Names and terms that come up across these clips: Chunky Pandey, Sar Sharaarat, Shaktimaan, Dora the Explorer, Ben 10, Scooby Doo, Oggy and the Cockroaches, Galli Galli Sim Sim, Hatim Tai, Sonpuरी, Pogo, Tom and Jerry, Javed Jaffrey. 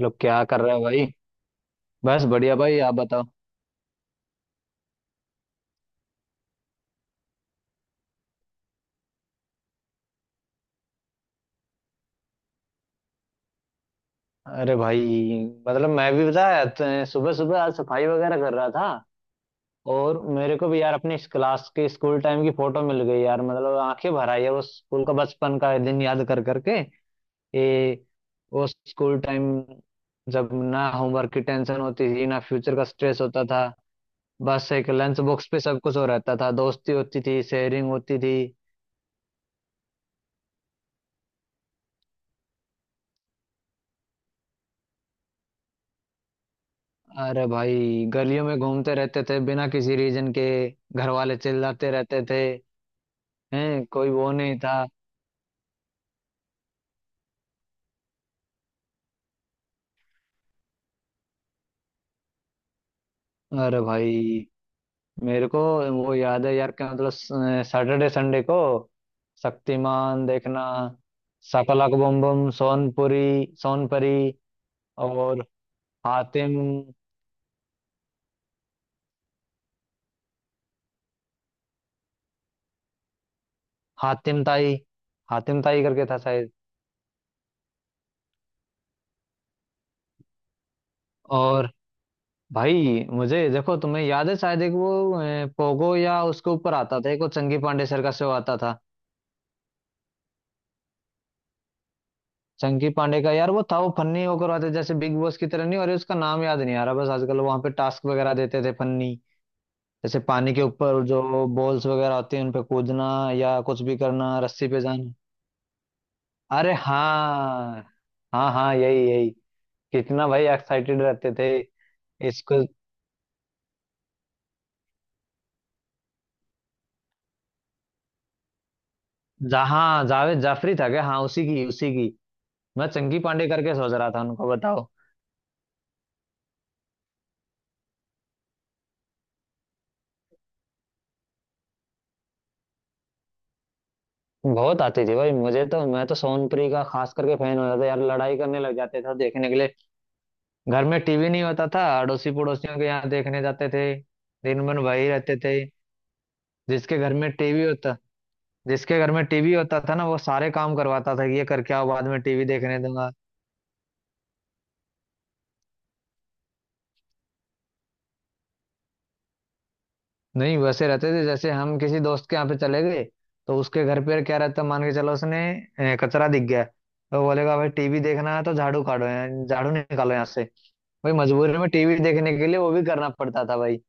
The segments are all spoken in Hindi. लोग क्या कर रहे हो भाई। बस बढ़िया भाई, आप बताओ। अरे भाई, मतलब मैं भी बताया, सुबह सुबह आज सफाई वगैरह कर रहा था। और मेरे को भी यार अपनी इस क्लास की, स्कूल टाइम की फोटो मिल गई यार, मतलब आंखें भर आई है वो स्कूल का बचपन का दिन याद कर करके। ये वो स्कूल टाइम, जब ना होमवर्क की टेंशन होती थी ना फ्यूचर का स्ट्रेस होता था। बस एक लंच बॉक्स पे सब कुछ हो रहता था, दोस्ती होती थी, शेयरिंग होती थी। अरे भाई, गलियों में घूमते रहते थे बिना किसी रीजन के, घर वाले चिल्लाते रहते थे। हैं, कोई वो नहीं था। अरे भाई, मेरे को वो याद है यार, क्या मतलब, सैटरडे संडे को शक्तिमान देखना, शकलक बम बम, सोनपुरी, सोनपरी और हातिम, हातिम ताई, हातिम ताई करके था शायद। और भाई मुझे देखो, तुम्हें याद है शायद एक वो, पोगो या उसके ऊपर आता था, एक वो चंगी पांडे सर का शो आता था। चंकी पांडे का यार, वो था वो फन्नी होकर आता, जैसे बिग बॉस की तरह नहीं, और उसका नाम याद नहीं आ रहा बस। आजकल वहां पे टास्क वगैरह देते थे, फन्नी, जैसे पानी के ऊपर जो बॉल्स वगैरह होती हैं उन पे कूदना, या कुछ भी करना, रस्सी पे जाना। अरे हाँ, हाँ, हाँ, यही यही। कितना भाई एक्साइटेड रहते थे। इसको, हाँ, जावेद जाफरी था क्या? हाँ, उसी की, उसी की। मैं चंकी पांडे करके सोच रहा था उनको, बताओ। बहुत आती थी भाई, मुझे तो, मैं तो सोनप्री का खास करके फैन हो जाता यार, लड़ाई करने लग जाते थे देखने के लिए। घर में टीवी नहीं होता था, अड़ोसी पड़ोसियों के यहाँ देखने जाते थे। दिन भर वही रहते थे। जिसके घर में टीवी होता जिसके घर में टीवी होता था ना, वो सारे काम करवाता था कि ये करके आओ, बाद में टीवी देखने दूंगा। नहीं, वैसे रहते थे जैसे हम किसी दोस्त के यहाँ पे चले गए, तो उसके घर पे क्या रहता, मान के चलो उसने कचरा दिख गया तो बोलेगा भाई टीवी देखना है तो झाड़ू काटो यहाँ, झाड़ू निकालो यहाँ से। भाई मजबूरी में टीवी देखने के लिए वो भी करना पड़ता था भाई।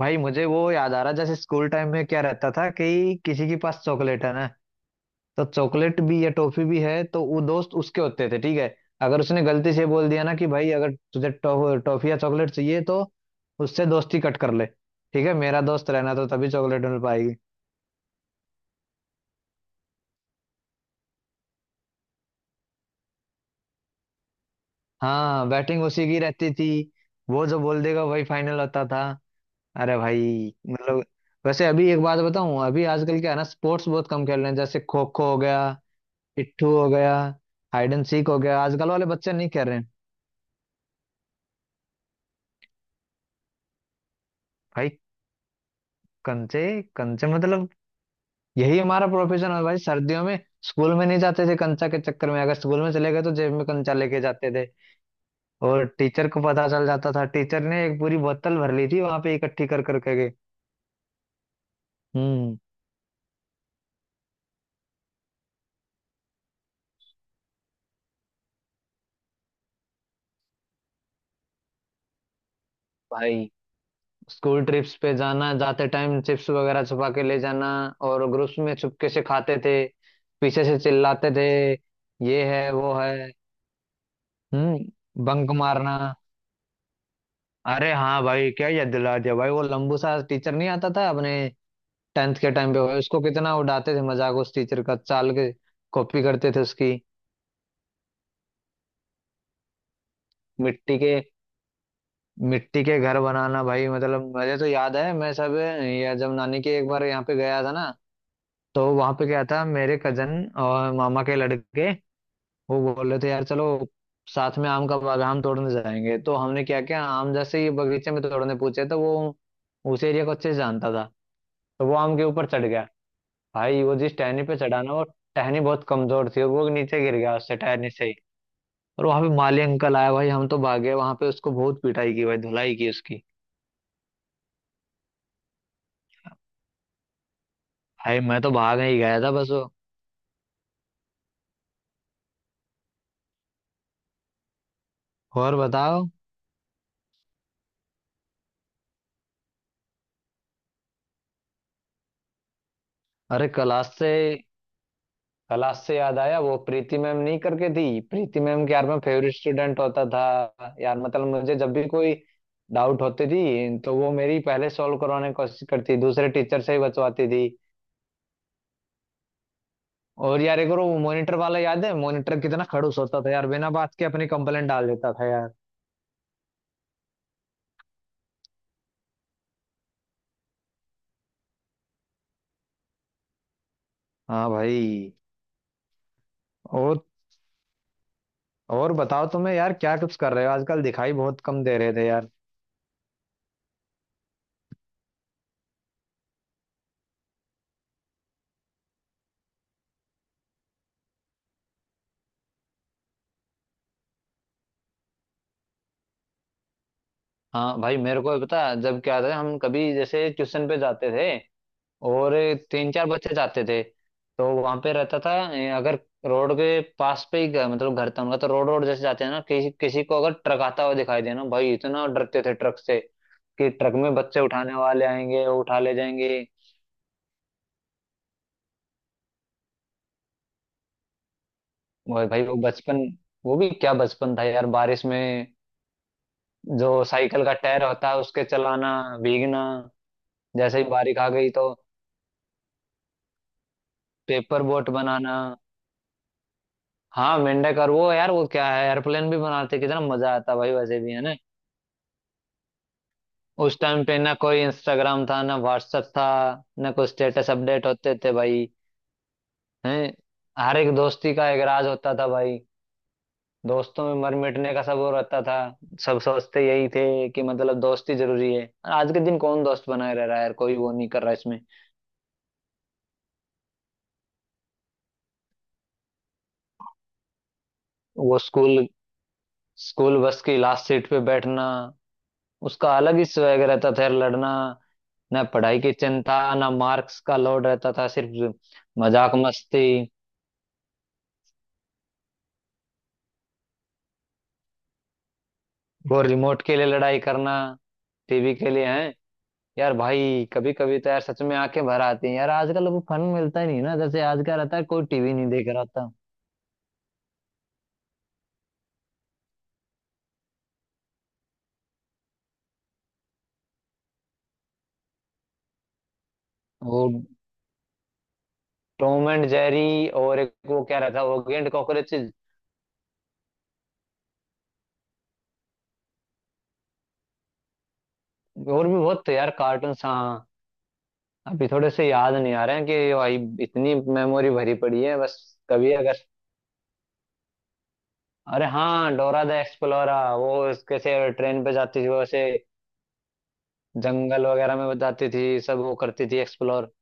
भाई मुझे वो याद आ रहा, जैसे स्कूल टाइम में क्या रहता था कि किसी के पास चॉकलेट है ना, तो चॉकलेट भी या टॉफी भी है तो वो दोस्त उसके होते थे, ठीक है। अगर उसने गलती से बोल दिया ना कि भाई अगर तुझे टॉफी या चॉकलेट चाहिए तो उससे दोस्ती कट कर ले। ठीक है, मेरा दोस्त रहना तो तभी चॉकलेट मिल पाएगी। हाँ, बैटिंग उसी की रहती थी, वो जो बोल देगा वही फाइनल होता था। अरे भाई मतलब, वैसे अभी एक बात बताऊं, अभी आजकल क्या है ना, स्पोर्ट्स बहुत कम खेल रहे हैं, जैसे खो खो हो गया, पिट्ठू हो गया, हाइड एंड सीक हो गया, आजकल वाले बच्चे नहीं खेल रहे हैं। भाई कंचे, कंचे मतलब यही हमारा प्रोफेशन है भाई, सर्दियों में। स्कूल में नहीं जाते थे कंचा के चक्कर में, अगर स्कूल में चले गए तो जेब में कंचा लेके जाते थे, और टीचर को पता चल जाता था। टीचर ने एक पूरी बोतल भर ली थी वहां पे, इकट्ठी कर करके गए। हम्म। भाई स्कूल ट्रिप्स पे जाना, जाते टाइम चिप्स वगैरह छुपा के ले जाना, और ग्रुप्स में चुपके से खाते थे, पीछे से चिल्लाते थे ये है वो है। बंक मारना। अरे हाँ भाई, क्या याद दिला दिया भाई, वो लंबू सा टीचर नहीं आता था अपने टेंथ के टाइम पे हुआ, उसको कितना उड़ाते थे मजाक उस टीचर का, चाल के कॉपी करते थे उसकी। मिट्टी के, मिट्टी के घर बनाना भाई, मतलब मुझे तो याद है मैं सब, या जब नानी के एक बार यहाँ पे गया था ना, तो वहां पे क्या था, मेरे कजन और मामा के लड़के, वो बोल रहे थे यार चलो साथ में आम का बाग, आम तोड़ने जाएंगे। तो हमने क्या किया, आम जैसे ही बगीचे में तोड़ने पूछे, तो वो उस एरिया को अच्छे से जानता था, तो वो आम के ऊपर चढ़ गया। भाई वो जिस टहनी पे चढ़ा ना, वो टहनी बहुत कमजोर थी और वो नीचे गिर गया उससे, टहनी से ही। और वहां पे माली अंकल आया भाई, हम तो भागे वहां पे, उसको बहुत पिटाई की भाई, धुलाई की उसकी। भाई मैं तो भाग ही गया था बस वो। और बताओ। अरे क्लास से याद आया, वो प्रीति मैम नहीं करके थी, प्रीति मैम के यार मैं फेवरेट स्टूडेंट होता था यार, मतलब मुझे जब भी कोई डाउट होती थी तो वो मेरी पहले सॉल्व करवाने की कोशिश करती, दूसरे टीचर से ही बचवाती थी। और यार एक और वो मॉनिटर वाला याद है, मॉनिटर कितना खड़ूस होता था यार, बिना बात के अपनी कंप्लेंट डाल देता था यार। हाँ भाई। और और बताओ तुम्हें, यार क्या कुछ कर रहे हो आजकल, दिखाई बहुत कम दे रहे थे यार। हाँ भाई, मेरे को पता है, जब क्या था, हम कभी जैसे ट्यूशन पे जाते थे, और तीन चार बच्चे जाते थे, तो वहां पे रहता था, अगर रोड के पास पे ही मतलब घर था उनका, तो रोड रोड जैसे जाते हैं ना, किसी किसी को अगर ट्रक आता हुआ दिखाई देना, भाई इतना डरते थे ट्रक से, कि ट्रक में बच्चे उठाने वाले आएंगे, वो उठा ले जाएंगे। और भाई वो बचपन, वो भी क्या बचपन था यार। बारिश में जो साइकिल का टायर होता है उसके चलाना, भीगना, जैसे ही बारिश आ गई तो पेपर बोट बनाना। हाँ मेंढक, और वो यार वो क्या है, एयरप्लेन भी बनाते, कितना मजा आता भाई वैसे भी है ना। उस टाइम पे ना कोई इंस्टाग्राम था, ना व्हाट्सएप था, ना कोई स्टेटस अपडेट होते थे भाई। हैं। हर एक दोस्ती का एक राज होता था भाई, दोस्तों में मर मिटने का सब वो रहता था। सब सोचते यही थे कि मतलब दोस्ती जरूरी है। आज के दिन कौन दोस्त बनाए रह रहा है यार, कोई वो नहीं कर रहा इसमें। वो स्कूल स्कूल बस की लास्ट सीट पे बैठना, उसका अलग ही स्वैग रहता था यार, लड़ना, ना पढ़ाई की चिंता ना मार्क्स का लोड रहता था, सिर्फ मजाक मस्ती। वो रिमोट के लिए लड़ाई करना, टीवी के लिए है। यार भाई कभी कभी तो यार सच में आंखें भर आती हैं यार, आजकल तो वो फन मिलता ही नहीं ना, जैसे आज का रहता है, कोई टीवी नहीं देख रहा था। वो टॉम एंड जेरी, और एक वो क्या रहता है, ओगी एंड कॉकरोचेस। और भी बहुत थे यार कार्टून, हाँ। अभी थोड़े से याद नहीं आ रहे हैं कि भाई, इतनी मेमोरी भरी पड़ी है बस। कभी अगर, अरे हाँ डोरा द एक्सप्लोरा, वो उसके से ट्रेन पे जाती थी वो, ऐसे जंगल वगैरह में बताती थी, सब वो करती थी एक्सप्लोर।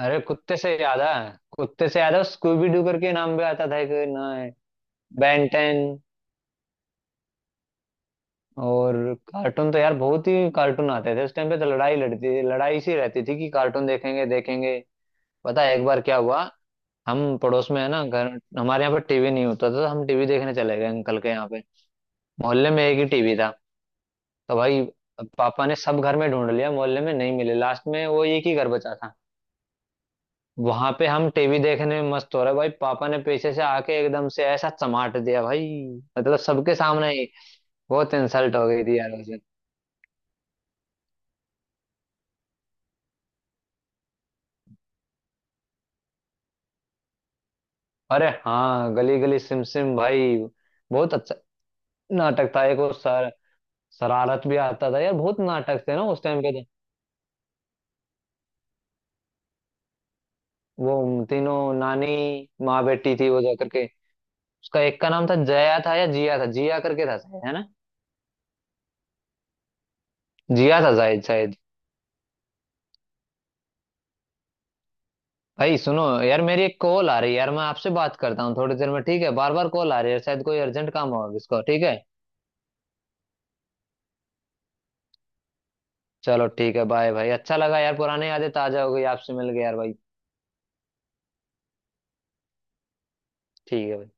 अरे कुत्ते से याद है, कुत्ते से याद है, स्कूबी डू करके नाम भी आता था एक, ना, बेंटेन। और कार्टून तो यार बहुत ही कार्टून आते थे उस टाइम पे, तो लड़ाई लड़ती, लड़ाई सी रहती थी कि कार्टून देखेंगे देखेंगे। पता है एक बार क्या हुआ? हम पड़ोस में, है ना घर, हमारे यहाँ पर टीवी नहीं होता था, तो हम टीवी देखने चले गए अंकल के यहाँ पे। मोहल्ले में एक ही टीवी था, तो भाई पापा ने सब घर में ढूंढ लिया, मोहल्ले में नहीं मिले, लास्ट में वो एक ही घर बचा था, वहां पे हम टीवी देखने में मस्त हो रहे। भाई, पापा ने पीछे से आके एकदम से ऐसा चमाट दिया भाई, मतलब सबके सामने ही, बहुत इंसल्ट हो गई थी यार। अरे हाँ, गली गली सिम सिम भाई, बहुत अच्छा नाटक था एक वो सर। शरारत भी आता था यार, बहुत नाटक थे ना उस टाइम पे तो। वो तीनों नानी माँ बेटी थी वो, जा करके उसका एक का नाम था जया था या जिया था, जिया करके था शायद, है ना? जिया था शायद, शायद। भाई सुनो यार, मेरी एक कॉल आ रही है यार, मैं आपसे बात करता हूँ थोड़ी देर में, ठीक है? बार बार कॉल आ रही है, शायद कोई अर्जेंट काम होगा इसको, ठीक है? चलो ठीक है, बाय भाई, अच्छा लगा यार, पुरानी यादें ताजा हो गई आपसे, मिल गए यार भाई। ठीक है भाई।